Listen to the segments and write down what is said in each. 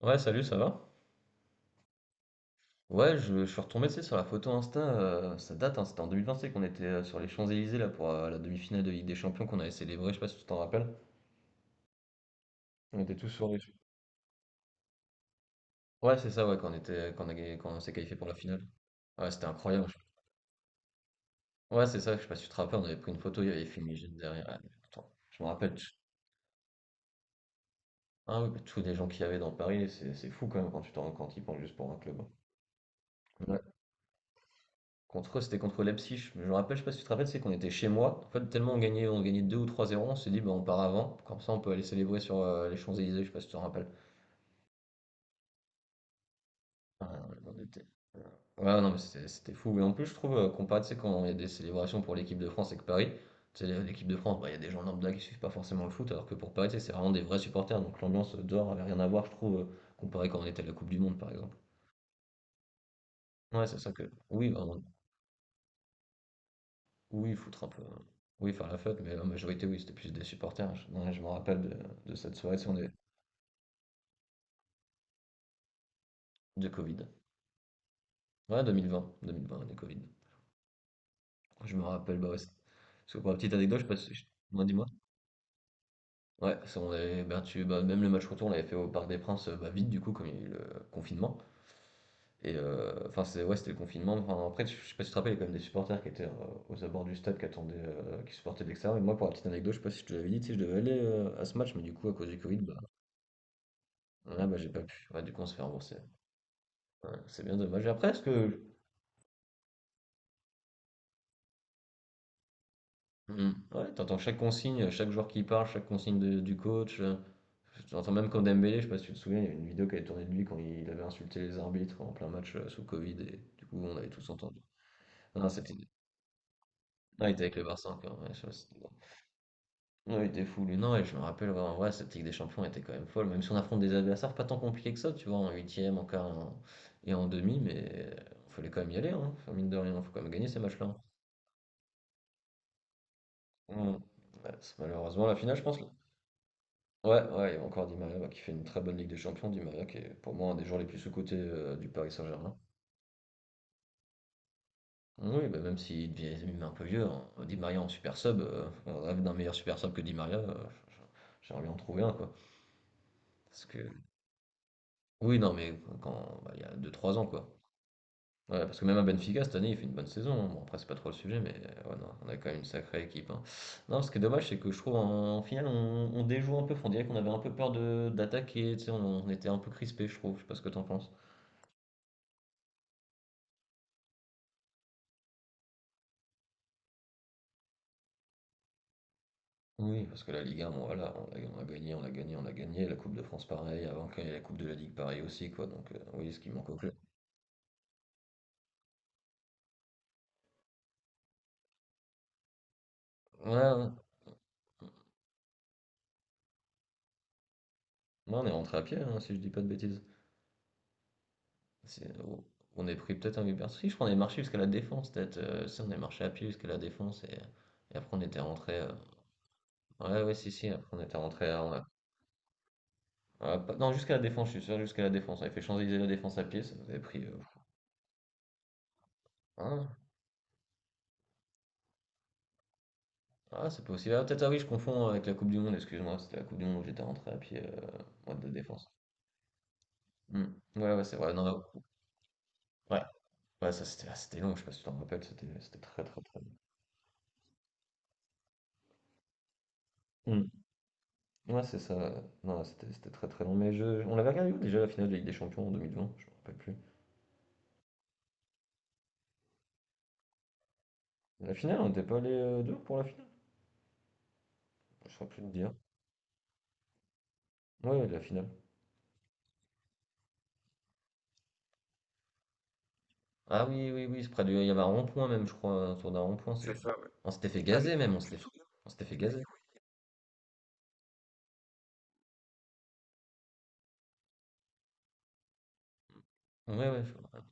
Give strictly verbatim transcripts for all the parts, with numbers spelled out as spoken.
Ouais, salut, ça va? Ouais, je, je suis retombé, tu sais, sur la photo Insta, euh, ça date, hein, c'était en vingt vingt-cinq qu'on était euh, sur les Champs-Élysées, là, pour euh, la demi-finale de Ligue des Champions qu'on avait célébrée, je sais pas si tu t'en rappelles. On était tous sur les... Ouais, c'est ça, ouais, quand on était, quand on a- quand on s'est qualifié pour la finale. Ouais, c'était incroyable. je- Ouais, c'est ça, je sais pas si tu te rappelles, on avait pris une photo, il y avait Fumigène derrière. Ah, mais attends, je me rappelle, tu- ah, oui, tous les gens qu'il y avait dans Paris, c'est c'est fou quand même quand tu t'en quand ils pensent juste pour un club. Hein. Contre c'était contre Leipzig. Je me rappelle, je sais pas si tu te rappelles, c'est qu'on était chez moi. En fait, tellement on gagnait, on gagnait deux ou trois zéro on s'est dit, bah, on part avant. Comme ça, on peut aller célébrer sur euh, les Champs-Élysées, je sais pas si tu te rappelles. Ah, on était- Ouais, non, mais c'était c'était fou. Et en plus, je trouve, euh, comparé, tu sais, quand il y a des célébrations pour l'équipe de France et que Paris, tu sais, l'équipe de France, bah, il y a des gens lambda qui suivent pas forcément le foot, alors que pour Paris, tu sais, c'est vraiment des vrais supporters. Donc l'ambiance dehors avait rien à voir, je trouve, euh, comparé quand on était à la Coupe du Monde, par exemple. Ouais, c'est ça que. Oui, bah, oui, foutre un peu. Oui, faire la fête, mais la majorité, oui, c'était plus des supporters. Je, ouais, je me rappelle de, de cette soirée, c'est on est de Covid. Ouais, deux mille vingt, deux mille vingt, année Covid. Je me rappelle, bah ouais. c'est- Parce que pour la petite anecdote, je passe. Je... Ouais, dis-moi. Ouais, ça, on avait battu, bah, même le match retour, on l'avait fait au Parc des Princes, euh, bah, vite du coup, comme il y a eu le confinement. Et euh, enfin, c'est, ouais, c'était le confinement. Enfin, après, je sais pas si tu te rappelles, il y a quand même des supporters qui étaient euh, aux abords du stade, qui attendaient, euh, qui supportaient de l'extérieur. Et moi, pour la petite anecdote, je sais pas si je te l'avais dit, tu sais, je devais aller euh, à ce match, mais du coup, à cause du Covid, ah bah, j'ai pas pu. Ouais, du coup, on se fait rembourser. Ouais, c'est bien dommage. Après, est-ce que. Hmm. Ouais, t'entends chaque consigne, chaque joueur qui parle, chaque consigne de- du coach. euh, T'entends même quand Dembélé, je sais pas si tu te souviens, il y a une vidéo qui avait tourné de lui quand il avait insulté les arbitres en plein match euh, sous Covid et du coup, on avait tous entendu. Non, c'était. Non, il était avec le Barça encore. Ouais, je sais pas, c'était- bon. Ouais, il était fou, lui. Non, et je me rappelle, ouais, en vrai, cette Ligue des Champions était quand même folle. Même si on affronte des adversaires pas tant compliqués que ça, tu vois, en huitième, en quart en- et en demi, mais il fallait quand même y aller, hein. Enfin, mine de rien, faut quand même gagner ces matchs-là. Hein. Mmh. Ouais, c'est malheureusement la finale, je pense. Là. Ouais, ouais, il y a encore Di Maria bah, qui fait une très bonne Ligue des Champions. Di Maria qui est pour moi un des joueurs les plus sous-cotés euh, du Paris Saint-Germain. Oui, bah, même s'il devient devient un peu vieux, hein, Di Maria en super sub, euh, on rêve d'un meilleur super sub que Di Maria. euh, j- j- J'aimerais bien en trouver un, quoi. Parce que... Oui, non, mais quand bah, il y a deux trois ans, quoi. Ouais, parce que même à Benfica, cette année, il fait une bonne saison. Hein. Bon, après, c'est pas trop le sujet, mais euh, ouais, non, on a quand même une sacrée équipe. Hein. Non, ce qui est dommage, c'est que je trouve en, en finale, on, on déjoue un peu. On dirait qu'on avait un peu peur de d'attaquer. Tu sais, on, on était un peu crispé, je trouve. Je sais pas ce que t'en penses. Oui, parce que la Ligue un, bon, voilà, on l'a on a gagné, on l'a gagné, on l'a gagné. La Coupe de France, pareil. Avant qu'il y ait la Coupe de la Ligue, pareil aussi, quoi. Donc, euh, oui, ce qui manque au club. Ouais, ouais. Non, on est rentré à pied, hein, si je dis pas de bêtises. C'est- On est pris peut-être un Uber. Si, je crois qu'on est marché jusqu'à la Défense, peut-être. Euh, si, on est marché à pied jusqu'à la Défense et, et après on était rentré. euh, Ouais, ouais, si, si, après on était rentré. Euh, on a- on a pas- Non, jusqu'à la Défense, je suis sûr, jusqu'à la Défense. On avait fait Champs-Élysées la Défense à pied, ça nous avait pris. euh, Ah, ah, c'est possible. Ah, peut-être, ah oui, je confonds avec la Coupe du Monde, excuse-moi. C'était la Coupe du Monde où j'étais rentré à pied, euh, moi, de Défense. Hmm. Ouais, ouais, c'est vrai. Non, ouais, ouais, ça c'était ah, c'était long, je sais pas si tu t'en rappelles, c'était c'était très, très, très long. Hmm. Ouais, c'est ça. Ouais. Non, c'était c'était très très long. Mais je... on l'avait regardé où déjà la finale de la Ligue des Champions en deux mille vingt? Je me rappelle plus. La finale, on n'était pas allé euh, deux pour la finale? Je saurais plus te dire. Ouais, ouais, la finale. Ah oui, oui, oui, c'est près du... il y avait un rond-point même, je crois, autour d'un rond-point. C'est c'est- ça, ouais. On s'était fait ah mais gazer même, on tu te s'était fait... souviens? On s'était fait gazer. Ouais, ouais, je me rappelle.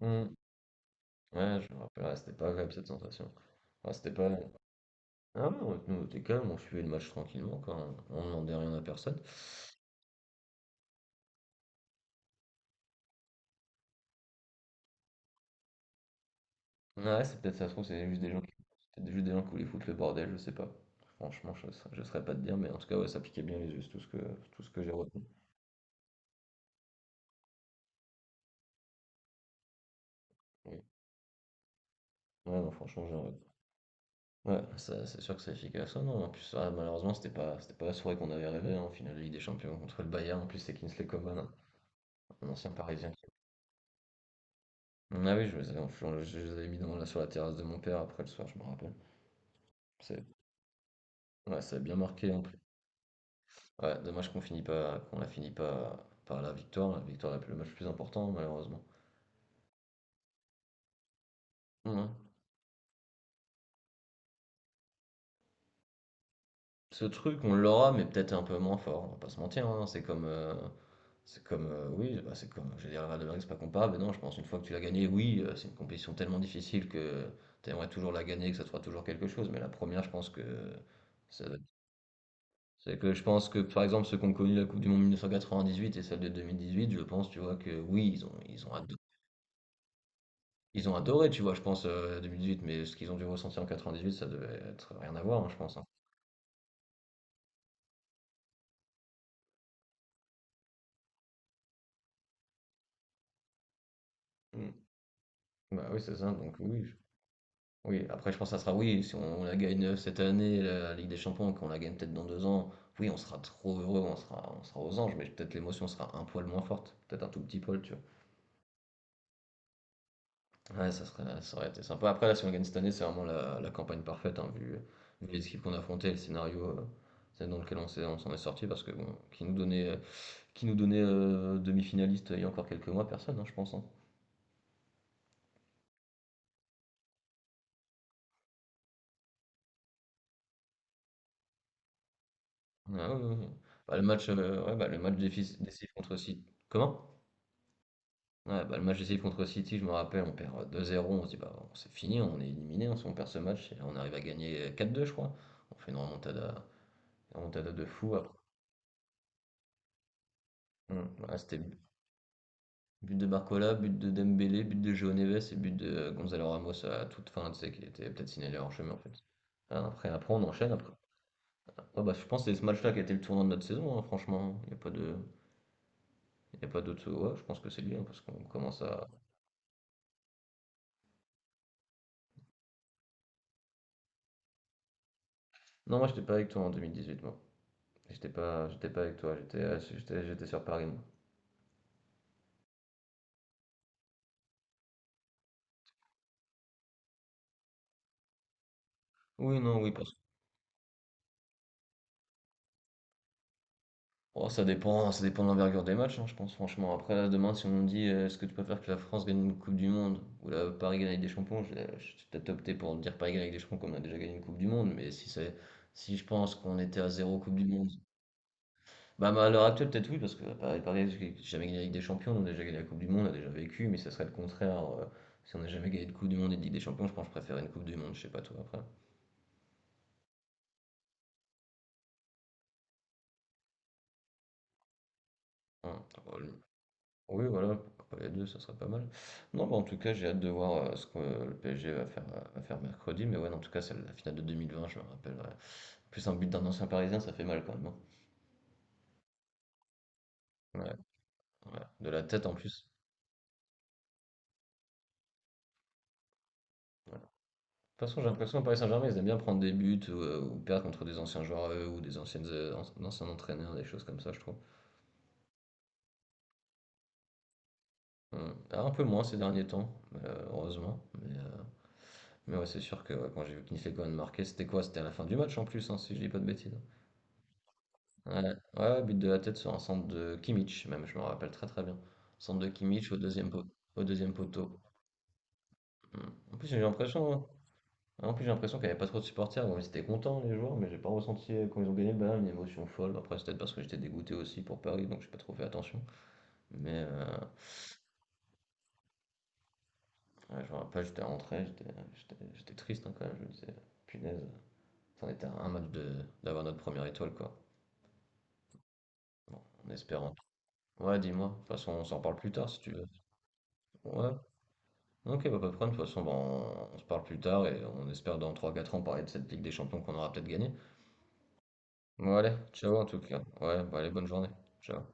Hmm. Ouais, je me rappelle, ouais, c'était pas agréable cette sensation. Ouais, c'était pas. Ah ouais, on- nous, on était calme, on suivait le match tranquillement, quoi. On, on demandait rien à personne. Ouais, c'est peut-être ça se trouve, c'est juste des gens qui... C'était juste des gens qui voulaient foutre le bordel, je sais pas. Franchement, je, sa- je saurais pas te dire, mais en tout cas, ouais, ça piquait bien les yeux, c'est tout ce que, tout ce que j'ai retenu. Oui. Ouais, non, franchement, j'ai retenu. Ouais, ça, c'est sûr que c'est efficace. Ah non, en plus, ah, malheureusement, c'était pas, c'était pas la soirée qu'on avait rêvé, hein, en finale de Ligue des Champions contre le Bayern. En plus, c'est Kingsley Coman, hein, un ancien Parisien. qui- Mm, ah oui, je, les avais enfou- je les avais mis dans, là, sur la terrasse de mon père après le soir, je me rappelle. C'est, ouais, ça a bien marqué en plus. Ouais, dommage qu'on finit pas, qu'on la finit pas par la victoire, la victoire, est le match le plus important, malheureusement. Mmh. Ce truc, on l'aura, mais peut-être un peu moins fort, on va pas se mentir, hein. C'est comme, heu, c'est comme, heu, oui, bah, c'est comme j'ai dire la Real de Madrid, c'est pas comparable, mais non, je pense une fois que tu l'as gagné, oui, heu, c'est une compétition tellement difficile que tu aimerais toujours la gagner, que ça te fera toujours quelque chose, mais la première je pense que ça doit être c'est que je pense que, par exemple, ceux qui ont connu la coupe du monde mille neuf cent quatre-vingt-dix-huit et celle de deux mille dix-huit, je pense, tu vois, que oui, ils ont ils ont ado ils ont adoré, tu vois, je pense, heu, deux mille dix-huit, mais ce qu'ils ont dû ressentir en quatre-vingt-dix-huit, ça devait être rien à voir, hein, je pense, hein. Mmh. Bah, oui, c'est ça, donc oui. Oui, après je pense que ça sera oui, si on la gagne euh, cette année, la Ligue des Champions, qu'on la gagne peut-être dans deux ans, oui, on sera trop heureux, on sera, on sera aux anges, mais peut-être l'émotion sera un poil moins forte, peut-être un tout petit poil, tu vois. Ouais, ça serait, ça aurait été sympa. Après, là, si on gagne cette année, c'est vraiment la, la campagne parfaite, hein, vu, vu les équipes qu'on a affrontées, le scénario euh, c'est dans lequel on s'est, on s'en est sorti, parce que bon, qui nous donnait, euh, qui nous donnait euh, demi-finaliste euh, il y a encore quelques mois, personne, hein, je pense. Hein. Ah oui, oui, oui. Bah, le match, euh, ouais, bah, le match défi- décisif contre City. Comment? Ouais, bah, le match de City contre City, je me rappelle, on perd, heu, deux zéro, on se dit: «Bah, on c'est fini, on est éliminé on si on perd ce match» et là, on arrive à gagner, heu, quatre à deux, je crois. On fait une remontada une remontada de fou après. Mmh, ouais, c'était bu but de Barcola, but de Dembélé, but de João Neves et but de, heu, Gonzalo Ramos à toute fin, tu sais, qui était peut-être signalé hors chemin en fait. Ah, après après on enchaîne après. Ah bah, je pense que c'est ce match-là qui a été le tournant de notre saison, hein, franchement, il y a pas de il y a pas d'autre, ouais, je pense que c'est lui, hein, parce qu'on commence à... Non, moi, j'étais pas avec toi en deux mille dix-huit, moi. J'étais pas j'étais pas avec toi, j'étais j'étais j'étais sur Paris, moi. Oui, non, oui, parce que... Oh, ça dépend, ça dépend de l'envergure des matchs, hein, je pense, franchement. Après, là, demain, si on me dit euh, est-ce que tu préfères que la France gagne une Coupe du Monde ou la Paris gagne avec des champions, je vais je vais peut-être opter pour dire Paris gagne avec des champions comme on a déjà gagné une Coupe du Monde, mais si c'est... Si je pense qu'on était à zéro Coupe du Monde, bah, bah, à l'heure actuelle, peut-être oui, parce que Paris, Paris j'ai jamais gagné avec des champions, on a déjà gagné la Coupe du Monde, on a déjà vécu, mais ça serait le contraire. Euh, si on n'a jamais gagné de Coupe du Monde et de Ligue des Champions, je pense que je préfère une Coupe du Monde, je sais pas toi après. Ouais. Oui, voilà, pourquoi pas les deux, ça serait pas mal. Non, bah, en tout cas, j'ai hâte de voir euh, ce que euh, le P S G va faire, euh, va faire mercredi. Mais ouais, non, en tout cas, c'est la finale de deux mille vingt, je me rappelle. Ouais. En plus un but d'un ancien Parisien, ça fait mal quand même, hein. Ouais. Ouais, de la tête en plus. Ouais. De toute façon, j'ai l'impression que Paris Saint-Germain, ils aiment bien prendre des buts ou, euh, ou perdre contre des anciens joueurs à eux, ou des anciennes, euh, anci- anciens entraîneurs, des choses comme ça, je trouve. Hum. Ah, un peu moins ces derniers temps, euh, heureusement. Mais, euh, mais ouais, c'est sûr que ouais, quand j'ai vu Kinfekoren marquer, c'était quoi? C'était à la fin du match en plus, hein, si je dis pas de bêtises, hein. Ouais, ouais, but de la tête sur un centre de Kimmich, même, je me rappelle très très bien. Centre de Kimmich au deuxième, pot- au deuxième poteau. Hmm. En plus, j'ai l'impression, hein. En plus, j'ai l'impression qu'il n'y avait pas trop de supporters. Bon, ils étaient contents, les joueurs, mais j'ai pas ressenti, euh, quand ils ont gagné le Bayern, une émotion folle. Après, c'est peut-être parce que j'étais dégoûté aussi pour Paris, donc j'ai pas trop fait attention. Mais euh, ouais, je me rappelle, j'étais rentré, j'étais j'étais- j'étais triste hein, quand même. Je me disais, punaise, on était à un match de d'avoir notre première étoile, quoi. Bon, en espérant. Ouais, dis-moi. De toute façon, on s'en parle plus tard si tu veux. Ouais. OK, bah, pas de problème. De toute façon, bah, on on se parle plus tard et on espère dans trois quatre ans parler de cette Ligue des Champions qu'on aura peut-être gagnée. Bon allez, ciao en tout cas. Ouais, bah, allez, bonne journée. Ciao.